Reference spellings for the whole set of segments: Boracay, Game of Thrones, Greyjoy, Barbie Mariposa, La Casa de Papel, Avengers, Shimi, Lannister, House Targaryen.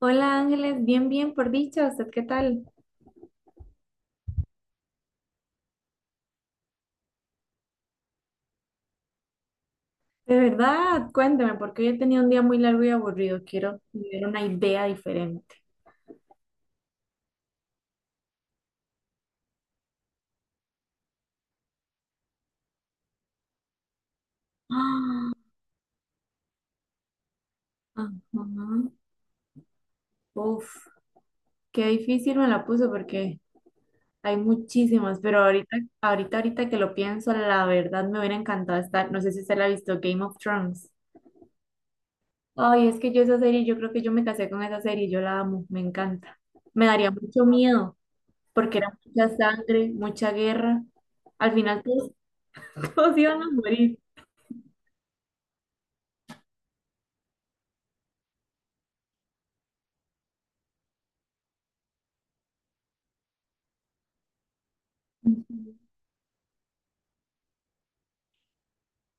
Hola Ángeles, bien, bien, por dicha, ¿usted qué tal? De verdad, cuénteme, porque hoy he tenido un día muy largo y aburrido, quiero tener una idea diferente. Ah, ajá. Uf, qué difícil me la puso porque hay muchísimas, pero ahorita que lo pienso, la verdad me hubiera encantado estar, no sé si usted la ha visto, Game of Thrones. Ay, es que yo esa serie, yo creo que yo me casé con esa serie, yo la amo, me encanta. Me daría mucho miedo porque era mucha sangre, mucha guerra. Al final todo todos iban a morir.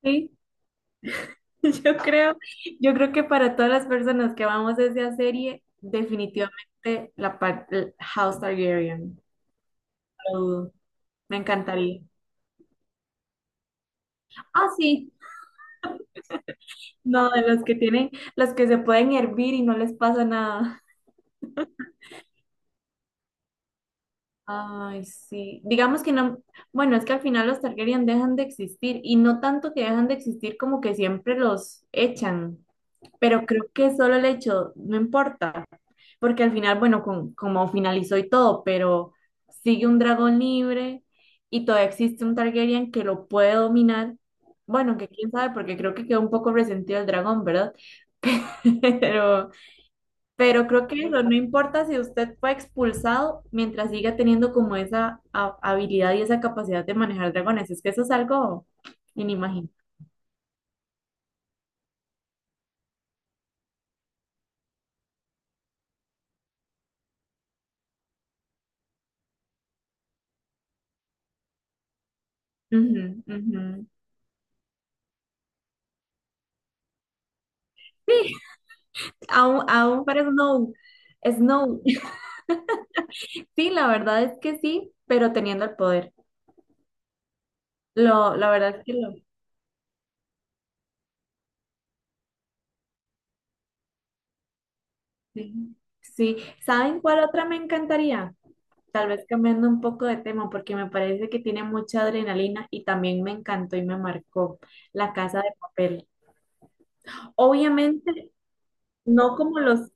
Sí, yo creo, yo creo que para todas las personas que amamos esa serie, definitivamente la parte House Targaryen. No lo dudo. Me encantaría. Ah, sí. No, de los que tienen, los que se pueden hervir y no les pasa nada. Ay, sí. Digamos que no, bueno, es que al final los Targaryen dejan de existir y no tanto que dejan de existir como que siempre los echan, pero creo que solo el hecho, no importa. Porque al final, bueno, con, como finalizó y todo, pero sigue un dragón libre y todavía existe un Targaryen que lo puede dominar. Bueno, que quién sabe, porque creo que quedó un poco resentido el dragón, ¿verdad? Pero, pero creo que eso, no importa si usted fue expulsado mientras siga teniendo como esa habilidad y esa capacidad de manejar dragones. Es que eso es algo inimaginable. Ujú, ujú. Sí, aún para Snow. Snow. Sí, la verdad es que sí, pero teniendo el poder. Lo, la verdad es que lo, sí. Sí. ¿Saben cuál otra me encantaría? Tal vez cambiando un poco de tema, porque me parece que tiene mucha adrenalina y también me encantó y me marcó La Casa de Papel. Obviamente, no como los,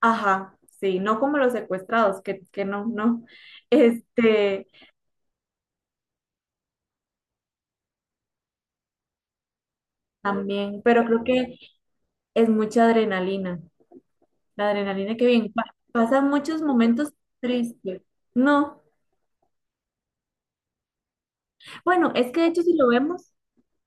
ajá, sí, no como los secuestrados, que no, no, este, también, pero creo que es mucha adrenalina, la adrenalina que bien, pasan muchos momentos tristes, ¿no? Bueno, es que de hecho si lo vemos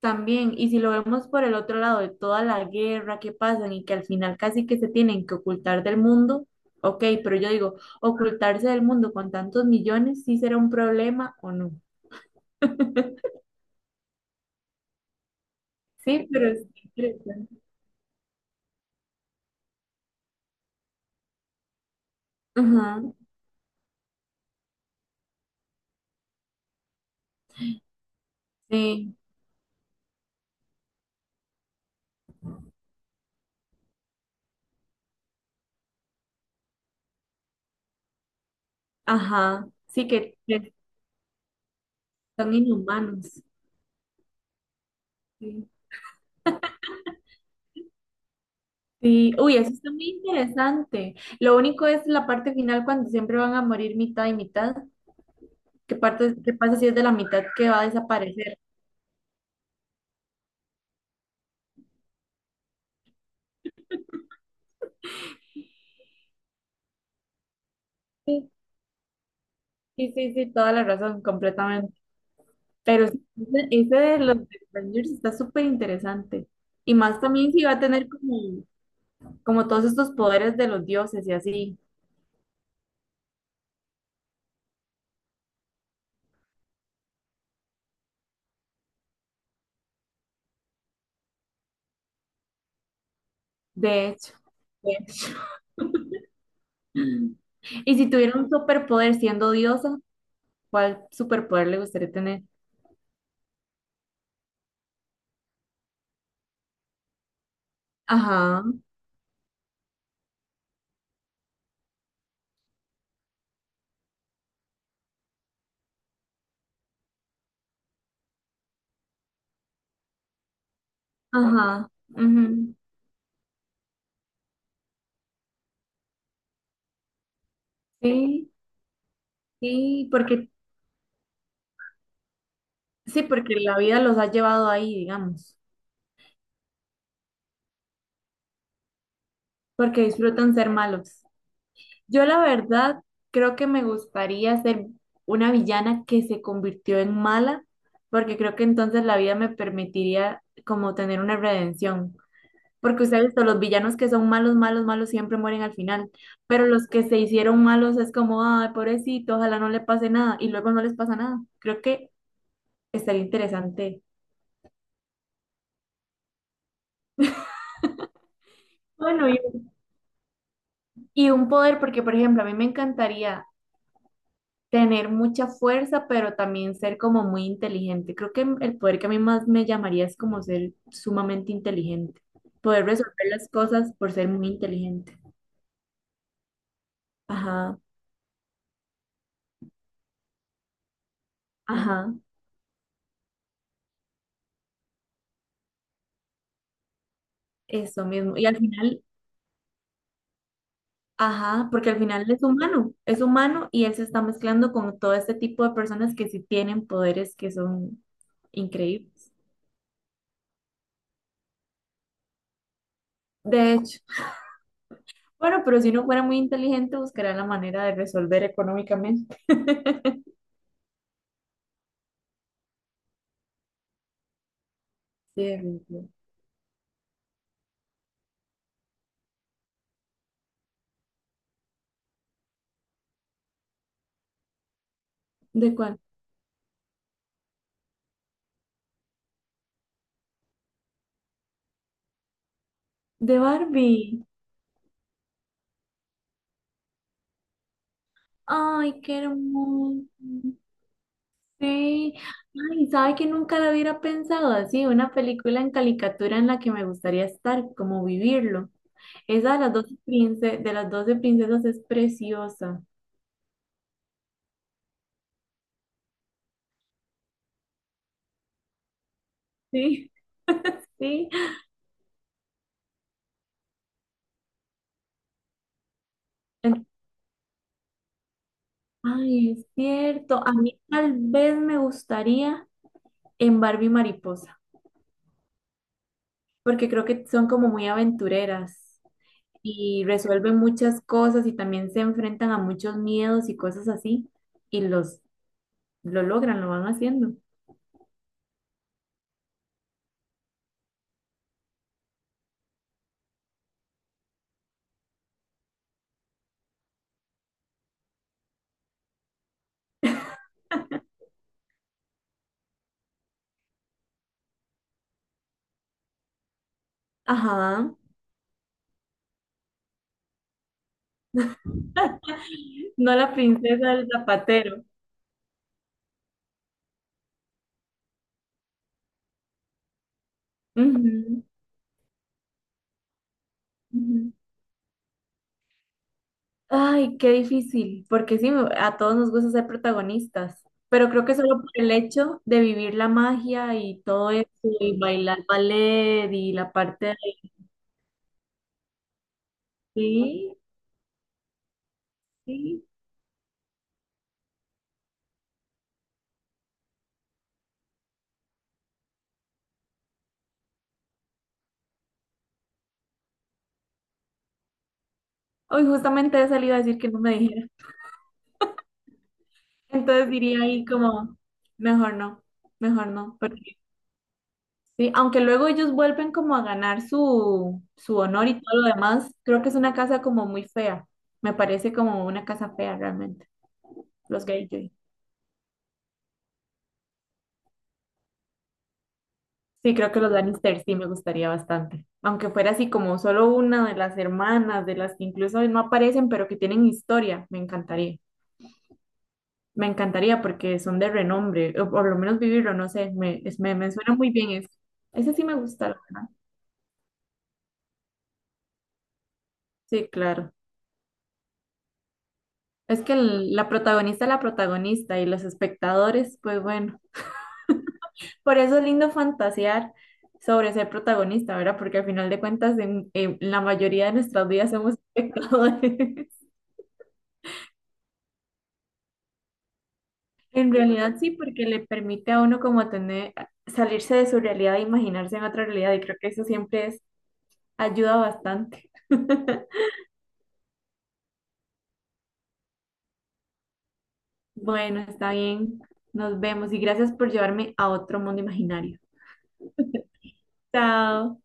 también, y si lo vemos por el otro lado de toda la guerra que pasan y que al final casi que se tienen que ocultar del mundo, ok, pero yo digo, ocultarse del mundo con tantos millones, ¿sí será un problema o no? Sí, pero es interesante. Ajá, sí, ajá, sí que son inhumanos. Sí. Sí, uy, eso está muy interesante. Lo único es la parte final cuando siempre van a morir mitad y mitad. ¿Qué parte, qué pasa si es de la mitad que va a desaparecer? Sí, sí, sí, sí, toda la razón, completamente. Pero sí, ese de los de Avengers está súper interesante. Y más también si va a tener como, como todos estos poderes de los dioses y así. De hecho, de hecho. Y si tuviera un superpoder siendo diosa, ¿cuál superpoder le gustaría tener? Ajá, ajá. Ujú. Sí, sí, porque, sí, porque la vida los ha llevado ahí, digamos. Porque disfrutan ser malos. Yo la verdad creo que me gustaría ser una villana que se convirtió en mala, porque creo que entonces la vida me permitiría como tener una redención. Porque ustedes, los villanos que son malos, malos, malos siempre mueren al final, pero los que se hicieron malos es como, ay, pobrecito, ojalá no le pase nada, y luego no les pasa nada. Creo que estaría interesante. Bueno, y, y un poder, porque por ejemplo, a mí me encantaría tener mucha fuerza, pero también ser como muy inteligente. Creo que el poder que a mí más me llamaría es como ser sumamente inteligente, poder resolver las cosas por ser muy inteligente. Ajá, ajá, eso mismo. Y al final, ajá, porque al final es humano y él se está mezclando con todo este tipo de personas que sí tienen poderes que son increíbles. De hecho, bueno, pero si no fuera muy inteligente, buscaría la manera de resolver económicamente. Sí, definitivo. ¿De cuál? De Barbie. Ay, qué hermoso. Sí. Ay, sabe que nunca lo hubiera pensado así, una película en caricatura en la que me gustaría estar, como vivirlo. Esa de las de las 12 princesas es preciosa. Sí, sí. En- Ay, es cierto. A mí tal vez me gustaría en Barbie Mariposa, porque creo que son como muy aventureras. Y resuelven muchas cosas y también se enfrentan a muchos miedos y cosas así y los lo logran, lo van haciendo. Ajá. No la princesa del zapatero. Ujú, ujú. Ay, qué difícil, porque sí, a todos nos gusta ser protagonistas, pero creo que solo por el hecho de vivir la magia y todo eso, y bailar ballet y la parte de... Sí, sí. Hoy justamente he salido a decir que no me dijeron. Entonces diría ahí como, mejor no, mejor no, porque sí, aunque luego ellos vuelven como a ganar su honor y todo lo demás, creo que es una casa como muy fea. Me parece como una casa fea realmente, los Greyjoy. Sí, creo que los Lannister sí me gustaría bastante. Aunque fuera así como solo una de las hermanas, de las que incluso no aparecen, pero que tienen historia, me encantaría. Me encantaría porque son de renombre, o por lo menos vivirlo, no sé, me suena muy bien eso. Ese sí me gusta. Sí, claro. Es que la protagonista es la protagonista y los espectadores, pues bueno, por eso es lindo fantasear sobre ser protagonista, ¿verdad? Porque al final de cuentas en la mayoría de nuestras vidas somos espectadores. En realidad sí, porque le permite a uno como tener, salirse de su realidad e imaginarse en otra realidad y creo que eso siempre es, ayuda bastante. Bueno, está bien, nos vemos y gracias por llevarme a otro mundo imaginario. Chao.